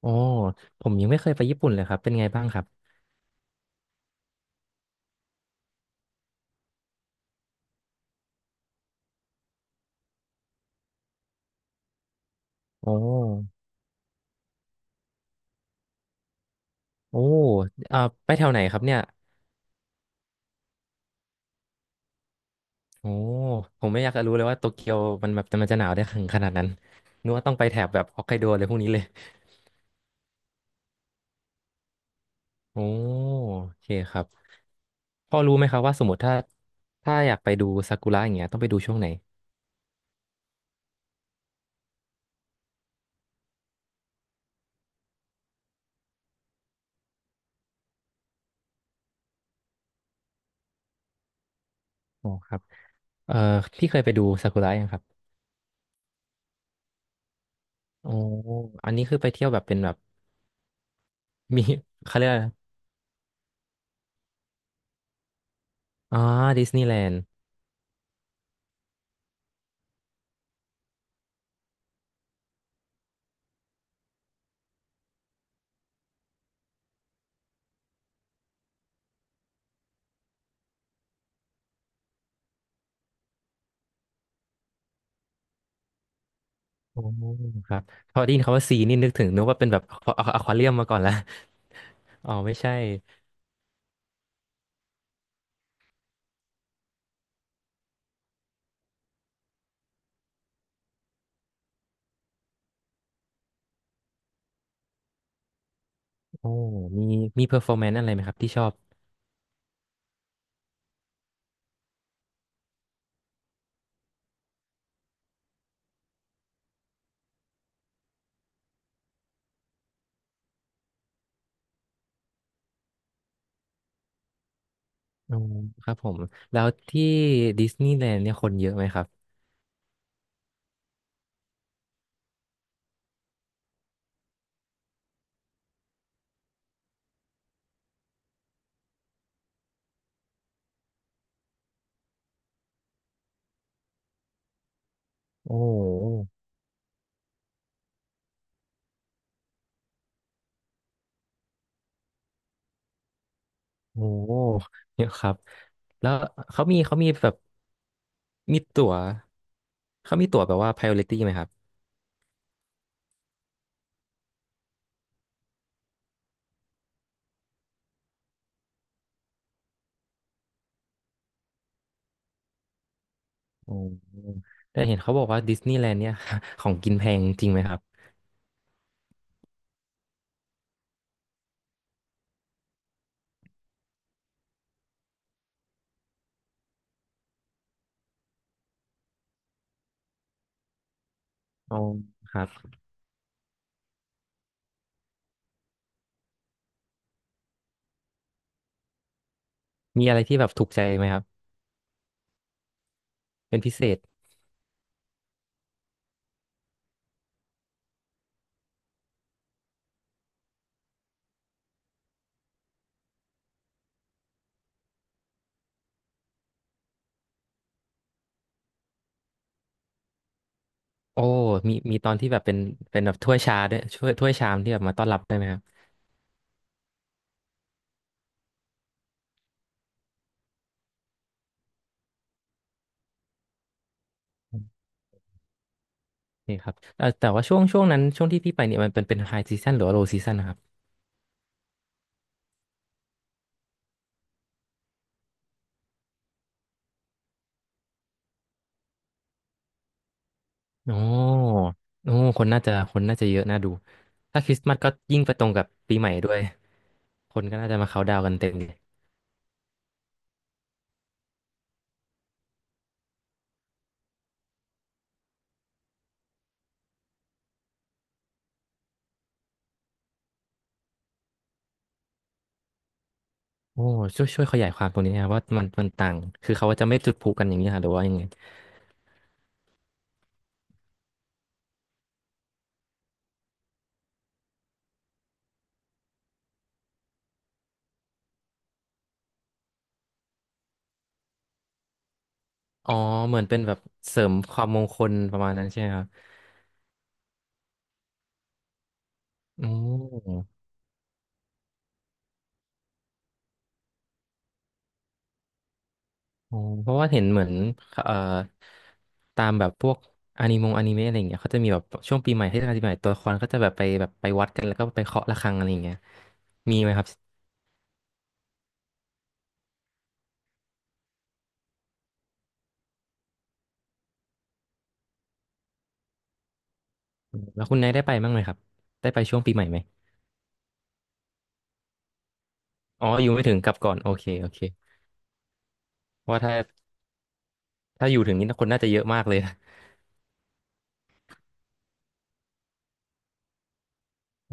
โอ้ผมยังไม่เคยไปญี่ปุ่นเลยครับเป็นไงบ้างครับโอ้โอ้อ่าไปแถวไหนครับเนี่ยโอ้ผมไม่อยากจะรู้เลยว่าโตเกียวมันแบบมันจะหนาวได้ถึงขนาดนั้นนึกว่าต้องไปแถบแบบฮอกไกโดเลยพวกนี้เลยโอ้โอเคครับพอรู้ไหมครับว่าสมมติถ้าอยากไปดูซากุระอย่างเงี้ยต้องไปดูช่วงไหนโอ้ครับเอ่อพี่เคยไปดูซากุระยังครับโอ้อันนี้คือไปเที่ยวแบบเป็นแบบ มีเขาเรียกอะไรนะอ๋อดิสนีย์แลนด์ โอ้ครับพอได้ยินคำว่าซีนี่นึกว่าเป็นแบบอะควาเรียมมาก่อนละ อ๋อไม่ใช่โอ้มีเพอร์ฟอร์แมนซ์อะไรไหมครับที่ชอบอ๋อครับผมแล้วที่ดิสนีย์แลนด์เนี่ยคนเยอะไหมครับโอ้โหเยอะครับแล้วเขามีเขามีแบบมีตั๋วเขามีตั๋วแบบว่า priority ไหมครับโอ้แต่เห็นเขาบอกว่าดิสนีย์แลนด์เนี่ย ของกินแพงจริงไหมครับอ๋อครับมีอะไรที่แบบถูกใจไหมครับเป็นพิเศษ โอ้มีตอนที่แบบเป็นแบบถ้วยชาด้วยถ้วยชามที่แบบมาต้อนรับได้ไหมครับนี่ครับแต่ว่าช่วงที่พี่ไปเนี่ยมันเป็นไฮซีซันหรือว่าโลซีซันนะครับโอ้โอ้คนน่าจะเยอะน่าดูถ้าคริสต์มาสก็ยิ่งไปตรงกับปีใหม่ด้วยคนก็น่าจะมาเขาน์ดาวน์กันเต็มเลยโอ้ช่วยขยายความตรงนี้นะครับว่ามันต่างคือเขาจะไม่จุดพลุกันอย่างนี้ค่ะหรือว่ายังไงอ๋อเหมือนเป็นแบบเสริมความมงคลประมาณนั้นใช่ไหมครับโอ้ อ๋อเพราะว่าเห็นเหมือนเอ่อตามแบบพวกอนิเมะอะไรอย่างเงี้ยเขาจะมีแบบช่วงปีใหม่เทศกาลปีใหม่ตัวละครก็จะแบบไปวัดกันแล้วก็ไปเคาะระฆังอะไรอย่างเงี้ยมีไหมครับแล้วคุณนายได้ไปบ้างไหมครับได้ไปช่วงปีใหม่ไหมอ๋ออยู่ไม่ถึงกลับก่อนโอเคโอเคเพราะว่าถ้าอยู่ถึงนี่คนน่าจะเยอะมากเลย นะโอ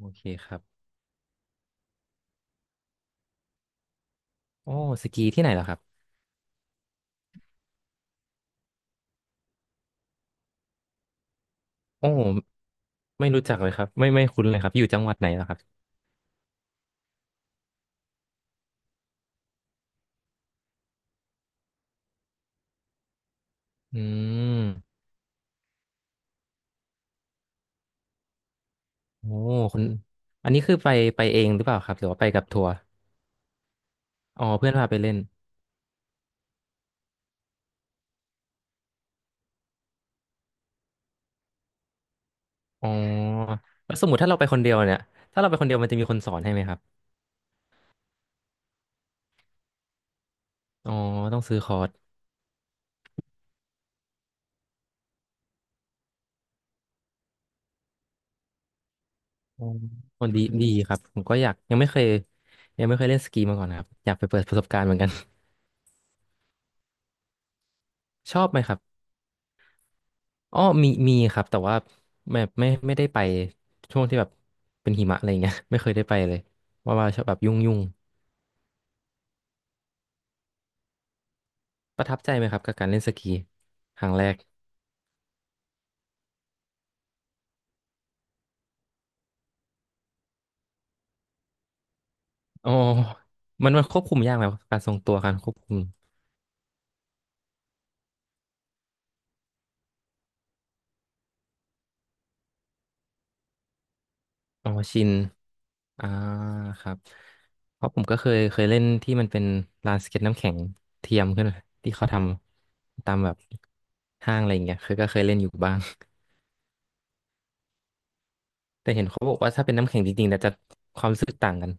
โอเคครับโอ้สกีที่ไหนเหรอครับโอ้ไม่รู้จักเลยครับไม่คุ้นเลยครับอยู่จังหวัดไหนเหรอครับอืม โอ้คุณอันนี้คือไปไปเองหรือเปล่าครับหรือว่าไปกับทัวร์อ๋อเพื่อนพาไปเล่นอ๋อแล้วสมมติถ้าเราไปคนเดียวมันจะมีคนสอนให้ไหมครับอ๋อต้องซื้อคอร์สอ๋อคนดีดีครับผมก็อยากยังไม่เคยเล่นสกีมาก่อนนะครับอยากไปเปิดประสบการณ์เหมือนกัน ชอบไหมครับอ๋อมีมีครับแต่ว่าแบบไม่ได้ไปช่วงที่แบบเป็นหิมะอะไรเงี้ย ไม่เคยได้ไปเลยว่าชอบแบบยุ่งยุ่งประทับใจไหมครับกับการเล่นสกีครั้งแรก อ๋อมันควบคุมยากไหมการทรงตัวการควบคุมอ๋อชินอ่าครับเพราะผมก็เคยเล่นที่มันเป็นลานสเก็ตน้ำแข็งเทียมขึ้นมาที่เขาทำตามแบบห้างอะไรอย่างเงี้ยเคยก็เคยเล่นอยู่บ้าง แต่เห็นเขาบอกว่าถ้าเป็นน้ำแข็งจริงๆเนี่ยจะความรู้สึกต่างกัน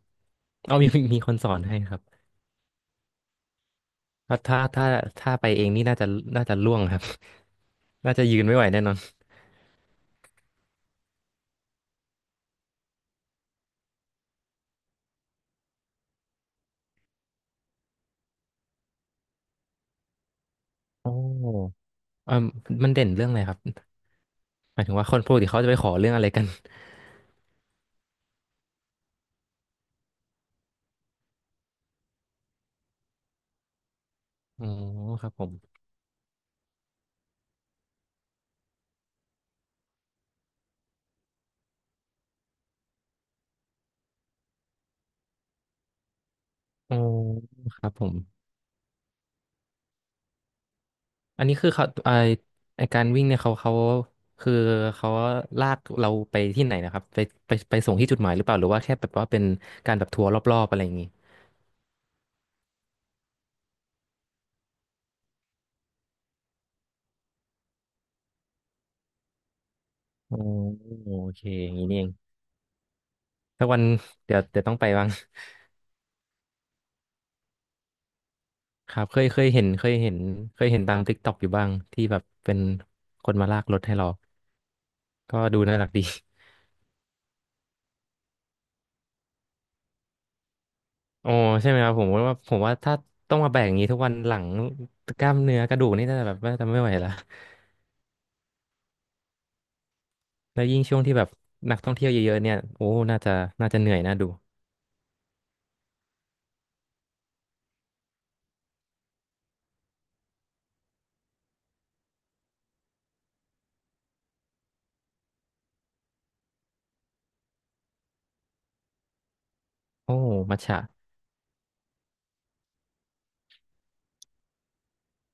เอามีคนสอนให้ครับถ้าถ้าไปเองนี่น่าจะล่วงครับ น่าจะยืนไม่ไหวแน่นอนโอ้เออมันเด่นเรื่องอะไรครับ หมายถึงว่าคนปกติเขาจะไปขอเรื่องอะไรกันอ๋อครับผมอ๋อครับผมอันนี้คือเขาไอไอการวิ่งเนี่ยเขาคือเขาลากเราไปที่ไหนนะครับไปไปส่งที่จุดหมายหรือเปล่าหรือว่าแค่แบบว่าเป็นการแบบทัวร์รอบๆอะไรอย่างงี้อ๋อโอเคอย่างนี้นี่เองถ้าวันเดี๋ยวต้องไปบ้างครับเคยเห็นตาม TikTokอยู่บ้างที่แบบเป็นคนมาลากรถให้เรา ก็ดูน่ารักดี โอ้ใช่ไหมครับผมว่าถ้าต้องมาแบกอย่างนี้ทุกวันหลังกล้ามเนื้อกระดูกนี่น่าจะแบบว่าจะไม่ไหวละแล้วยิ่งช่วงที่แบบนักท่องเที่ยวเยอะๆเนี่ยโอ้น่าจะเหนื่อยน่าดูโอ้มัทฉะ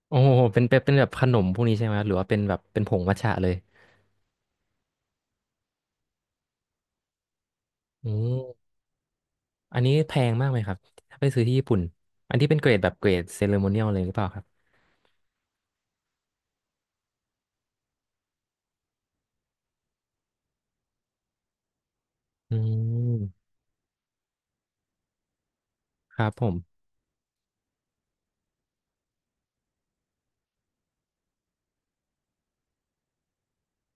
โอ้เป็นแบบขนมพวกนี้ใช่ไหมครับหรือว่าเป็นแบบเป็นผงมัทฉะเลยอืมอันนี้แพงมากไหมครับถ้าไปซื้อที่ญี่ปุ่นอันที่เป็นเกรดแบบเกรดเซเลโมเนียลเลยหรือเปล่าครับอืมครับผม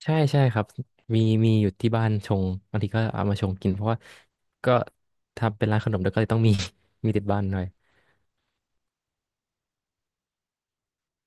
ใช่ใช่ครับมีมีอยู่ที่บ้านชงบางทีก็เอามาชงกินเพราะว่าก็ทำเป็นร้านขนมแล้วก็เลยต้องมี มีติดบ้านหน่อย